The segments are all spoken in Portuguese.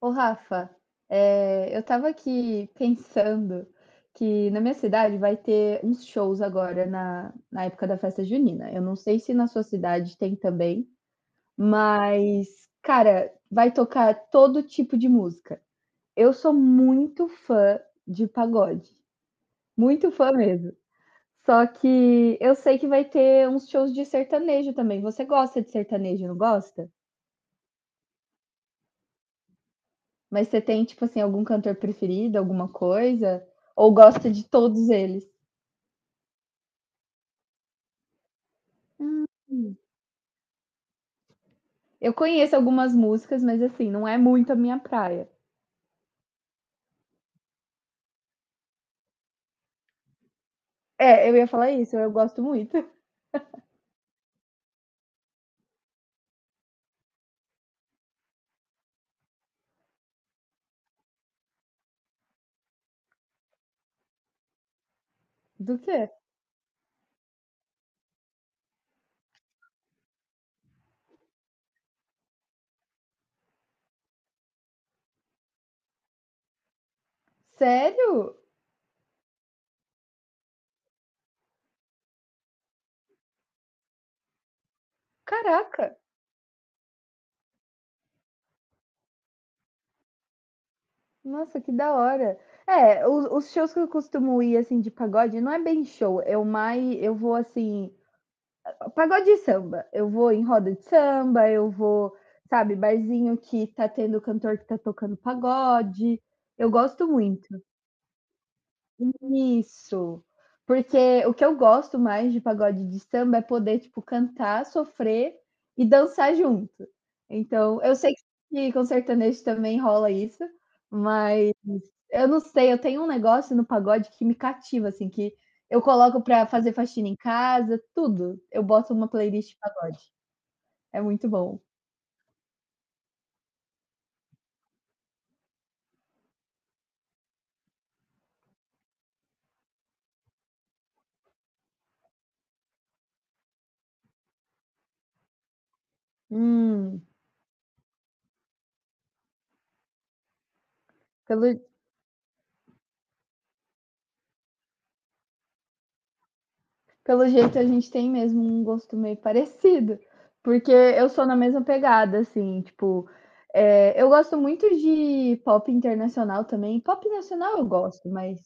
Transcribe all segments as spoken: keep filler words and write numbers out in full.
Ô Rafa, é, eu tava aqui pensando que na minha cidade vai ter uns shows agora na, na época da festa junina. Eu não sei se na sua cidade tem também, mas, cara, vai tocar todo tipo de música. Eu sou muito fã de pagode, muito fã mesmo. Só que eu sei que vai ter uns shows de sertanejo também. Você gosta de sertanejo, não gosta? Mas você tem, tipo assim, algum cantor preferido, alguma coisa? Ou gosta de todos eles? Hum. Eu conheço algumas músicas, mas assim, não é muito a minha praia. É, eu ia falar isso, eu gosto muito. Do quê? Sério? Caraca! Nossa, que da hora. É, os, os shows que eu costumo ir, assim, de pagode, não é bem show, eu mais, eu vou, assim, pagode e samba. Eu vou em roda de samba, eu vou, sabe, barzinho que tá tendo cantor que tá tocando pagode. Eu gosto muito. Isso, porque o que eu gosto mais de pagode de samba é poder, tipo, cantar, sofrer e dançar junto. Então, eu sei que com sertanejo também rola isso, mas eu não sei, eu tenho um negócio no pagode que me cativa, assim, que eu coloco pra fazer faxina em casa, tudo. Eu boto uma playlist de pagode. É muito bom. Hum, pelo Pelo jeito, a gente tem mesmo um gosto meio parecido, porque eu sou na mesma pegada, assim, tipo, eh, eu gosto muito de pop internacional também. Pop nacional eu gosto, mas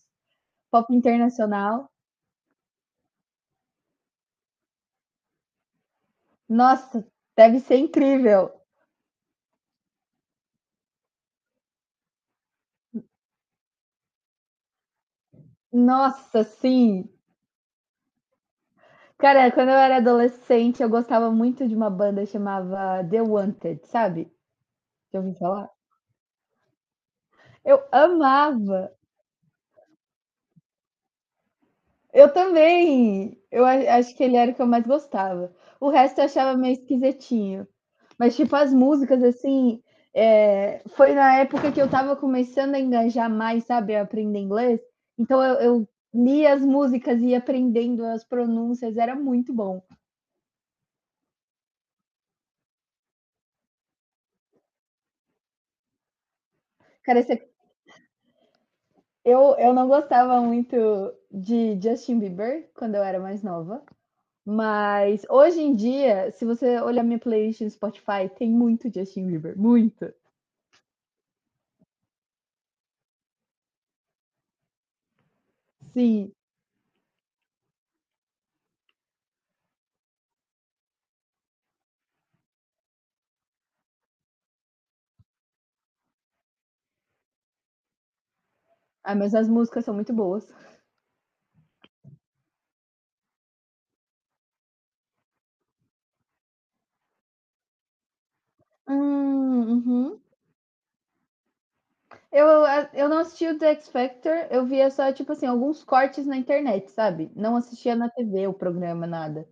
pop internacional, nossa, deve ser incrível. Nossa, sim. Cara, quando eu era adolescente, eu gostava muito de uma banda chamava The Wanted, sabe? Já ouviu falar? Eu amava. Eu também. Eu a- acho que ele era o que eu mais gostava. O resto eu achava meio esquisitinho. Mas, tipo, as músicas, assim, eh, foi na época que eu tava começando a engajar mais, sabe, a aprender inglês. Então, eu, eu lia as músicas e ia aprendendo as pronúncias, era muito bom. Cara, você- eu, eu não gostava muito de Justin Bieber quando eu era mais nova. Mas hoje em dia, se você olhar minha playlist no Spotify, tem muito Justin Bieber, muito. Sim. Ah, mas as músicas são muito boas. Hum, uhum. Eu eu não assisti o The X Factor, eu via só, tipo assim, alguns cortes na internet, sabe. Não assistia na T V o programa, nada.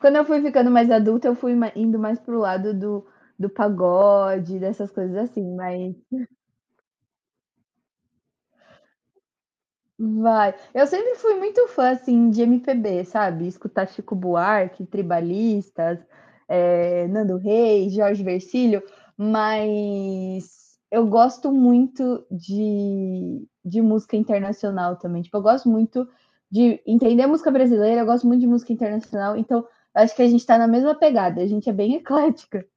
Quando eu fui ficando mais adulta, eu fui ma indo mais pro lado do do pagode, dessas coisas assim, mas vai. Eu sempre fui muito fã, assim, de M P B, sabe? Escutar Chico Buarque, Tribalistas, eh, Nando Reis, Jorge Vercillo, mas eu gosto muito de, de música internacional também. Tipo, eu gosto muito de entender música brasileira, eu gosto muito de música internacional, então acho que a gente tá na mesma pegada, a gente é bem eclética.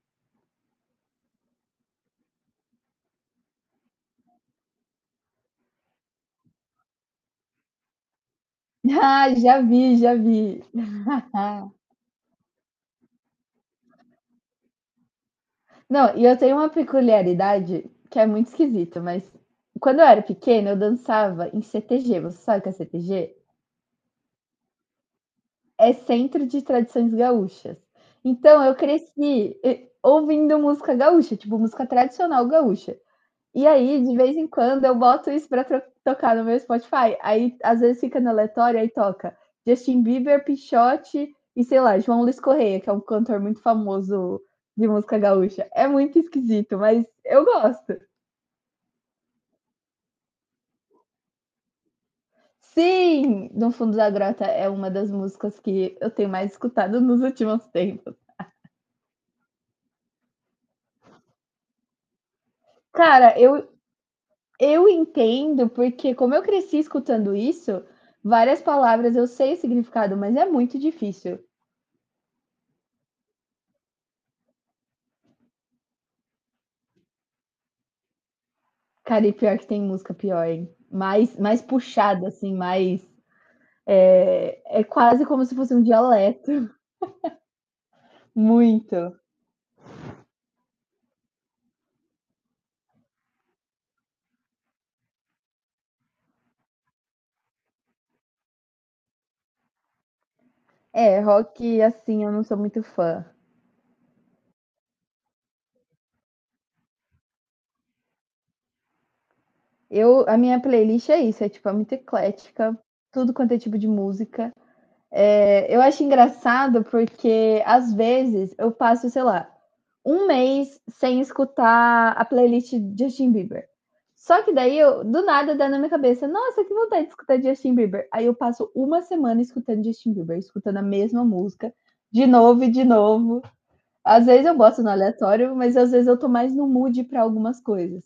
Ah, já vi, já vi. Não, e eu tenho uma peculiaridade que é muito esquisita, mas quando eu era pequena, eu dançava em C T G. Você sabe o que é C T G? É Centro de Tradições Gaúchas. Então eu cresci eh, ouvindo música gaúcha, tipo música tradicional gaúcha. E aí, de vez em quando, eu boto isso pra tro- tocar no meu Spotify. Aí, às vezes, fica no aleatório, aí toca Justin Bieber, Pixote e, sei lá, João Luiz Correia, que é um cantor muito famoso de música gaúcha. É muito esquisito, mas eu gosto. Sim! No Fundo da Grota é uma das músicas que eu tenho mais escutado nos últimos tempos. Cara, eu, eu entendo, porque como eu cresci escutando isso, várias palavras eu sei o significado, mas é muito difícil. Cara, e pior que tem música pior, hein? Mais, mais puxada, assim, mais. É, é quase como se fosse um dialeto. Muito. É, rock, assim, eu não sou muito fã. Eu, a minha playlist é isso, é tipo, é muito eclética, tudo quanto é tipo de música. É, eu acho engraçado porque às vezes eu passo, sei lá, um mês sem escutar a playlist de Justin Bieber. Só que daí eu, do nada dá na minha cabeça, nossa, que vontade de escutar Justin Bieber. Aí eu passo uma semana escutando Justin Bieber, escutando a mesma música, de novo e de novo. Às vezes eu boto no aleatório, mas às vezes eu tô mais no mood para algumas coisas.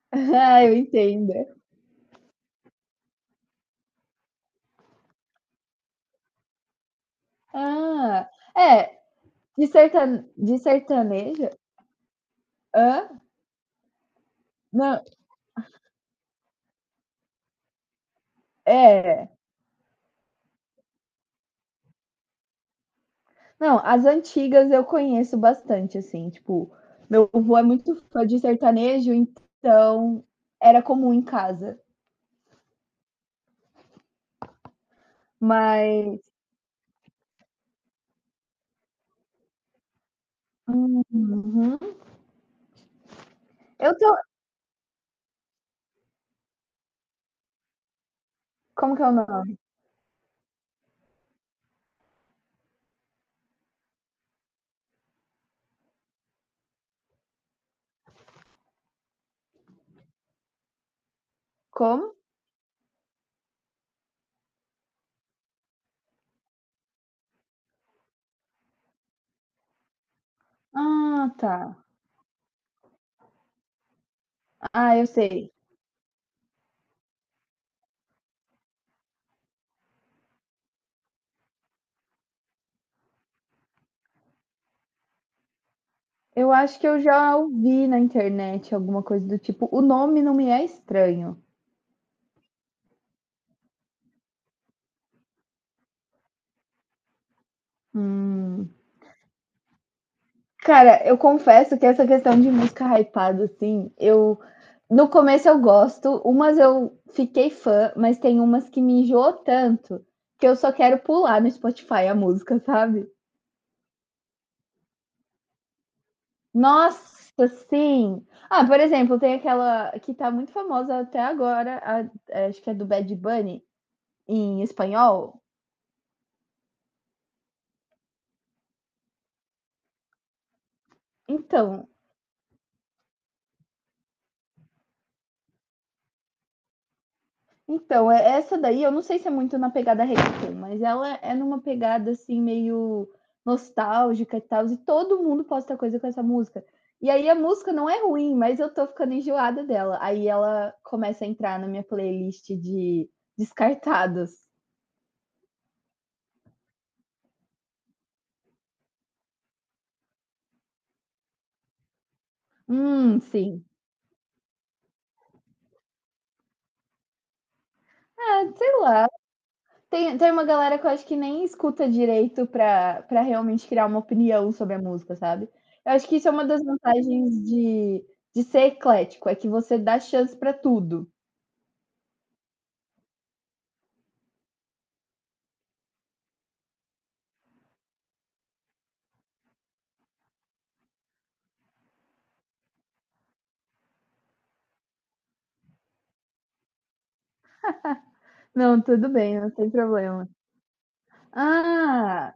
Ah, eu entendo. Ah, é, de, sertane... de sertaneja? Hã? Não, é. Não, as antigas eu conheço bastante, assim, tipo, meu avô é muito fã de sertanejo, então era comum em casa. Mas uhum. Eu tô. Como que é o nome? Como? Ah, tá. Ah, eu sei. Eu acho que eu já ouvi na internet alguma coisa do tipo. O nome não me é estranho. Hum. Cara, eu confesso que essa questão de música hypada, assim, eu. No começo eu gosto, umas eu fiquei fã, mas tem umas que me enjoou tanto que eu só quero pular no Spotify a música, sabe? Nossa, sim! Ah, por exemplo, tem aquela que tá muito famosa até agora, a- é, acho que é do Bad Bunny, em espanhol. Então, Então, é- essa daí, eu não sei se é muito na pegada reggaeton, mas ela é numa pegada assim meio nostálgica e tal, e todo mundo posta coisa com essa música. E aí a música não é ruim, mas eu tô ficando enjoada dela. Aí ela começa a entrar na minha playlist de descartados. Hum, sim. Ah, sei lá, Tem, tem uma galera que eu acho que nem escuta direito pra pra realmente criar uma opinião sobre a música, sabe. Eu acho que isso é uma das vantagens de de ser eclético, é que você dá chance pra tudo. Não, tudo bem, não tem problema. Ah,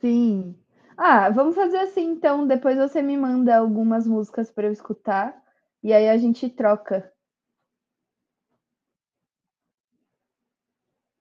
sim. Ah, vamos fazer assim então, depois você me manda algumas músicas pra eu escutar, e aí a gente troca.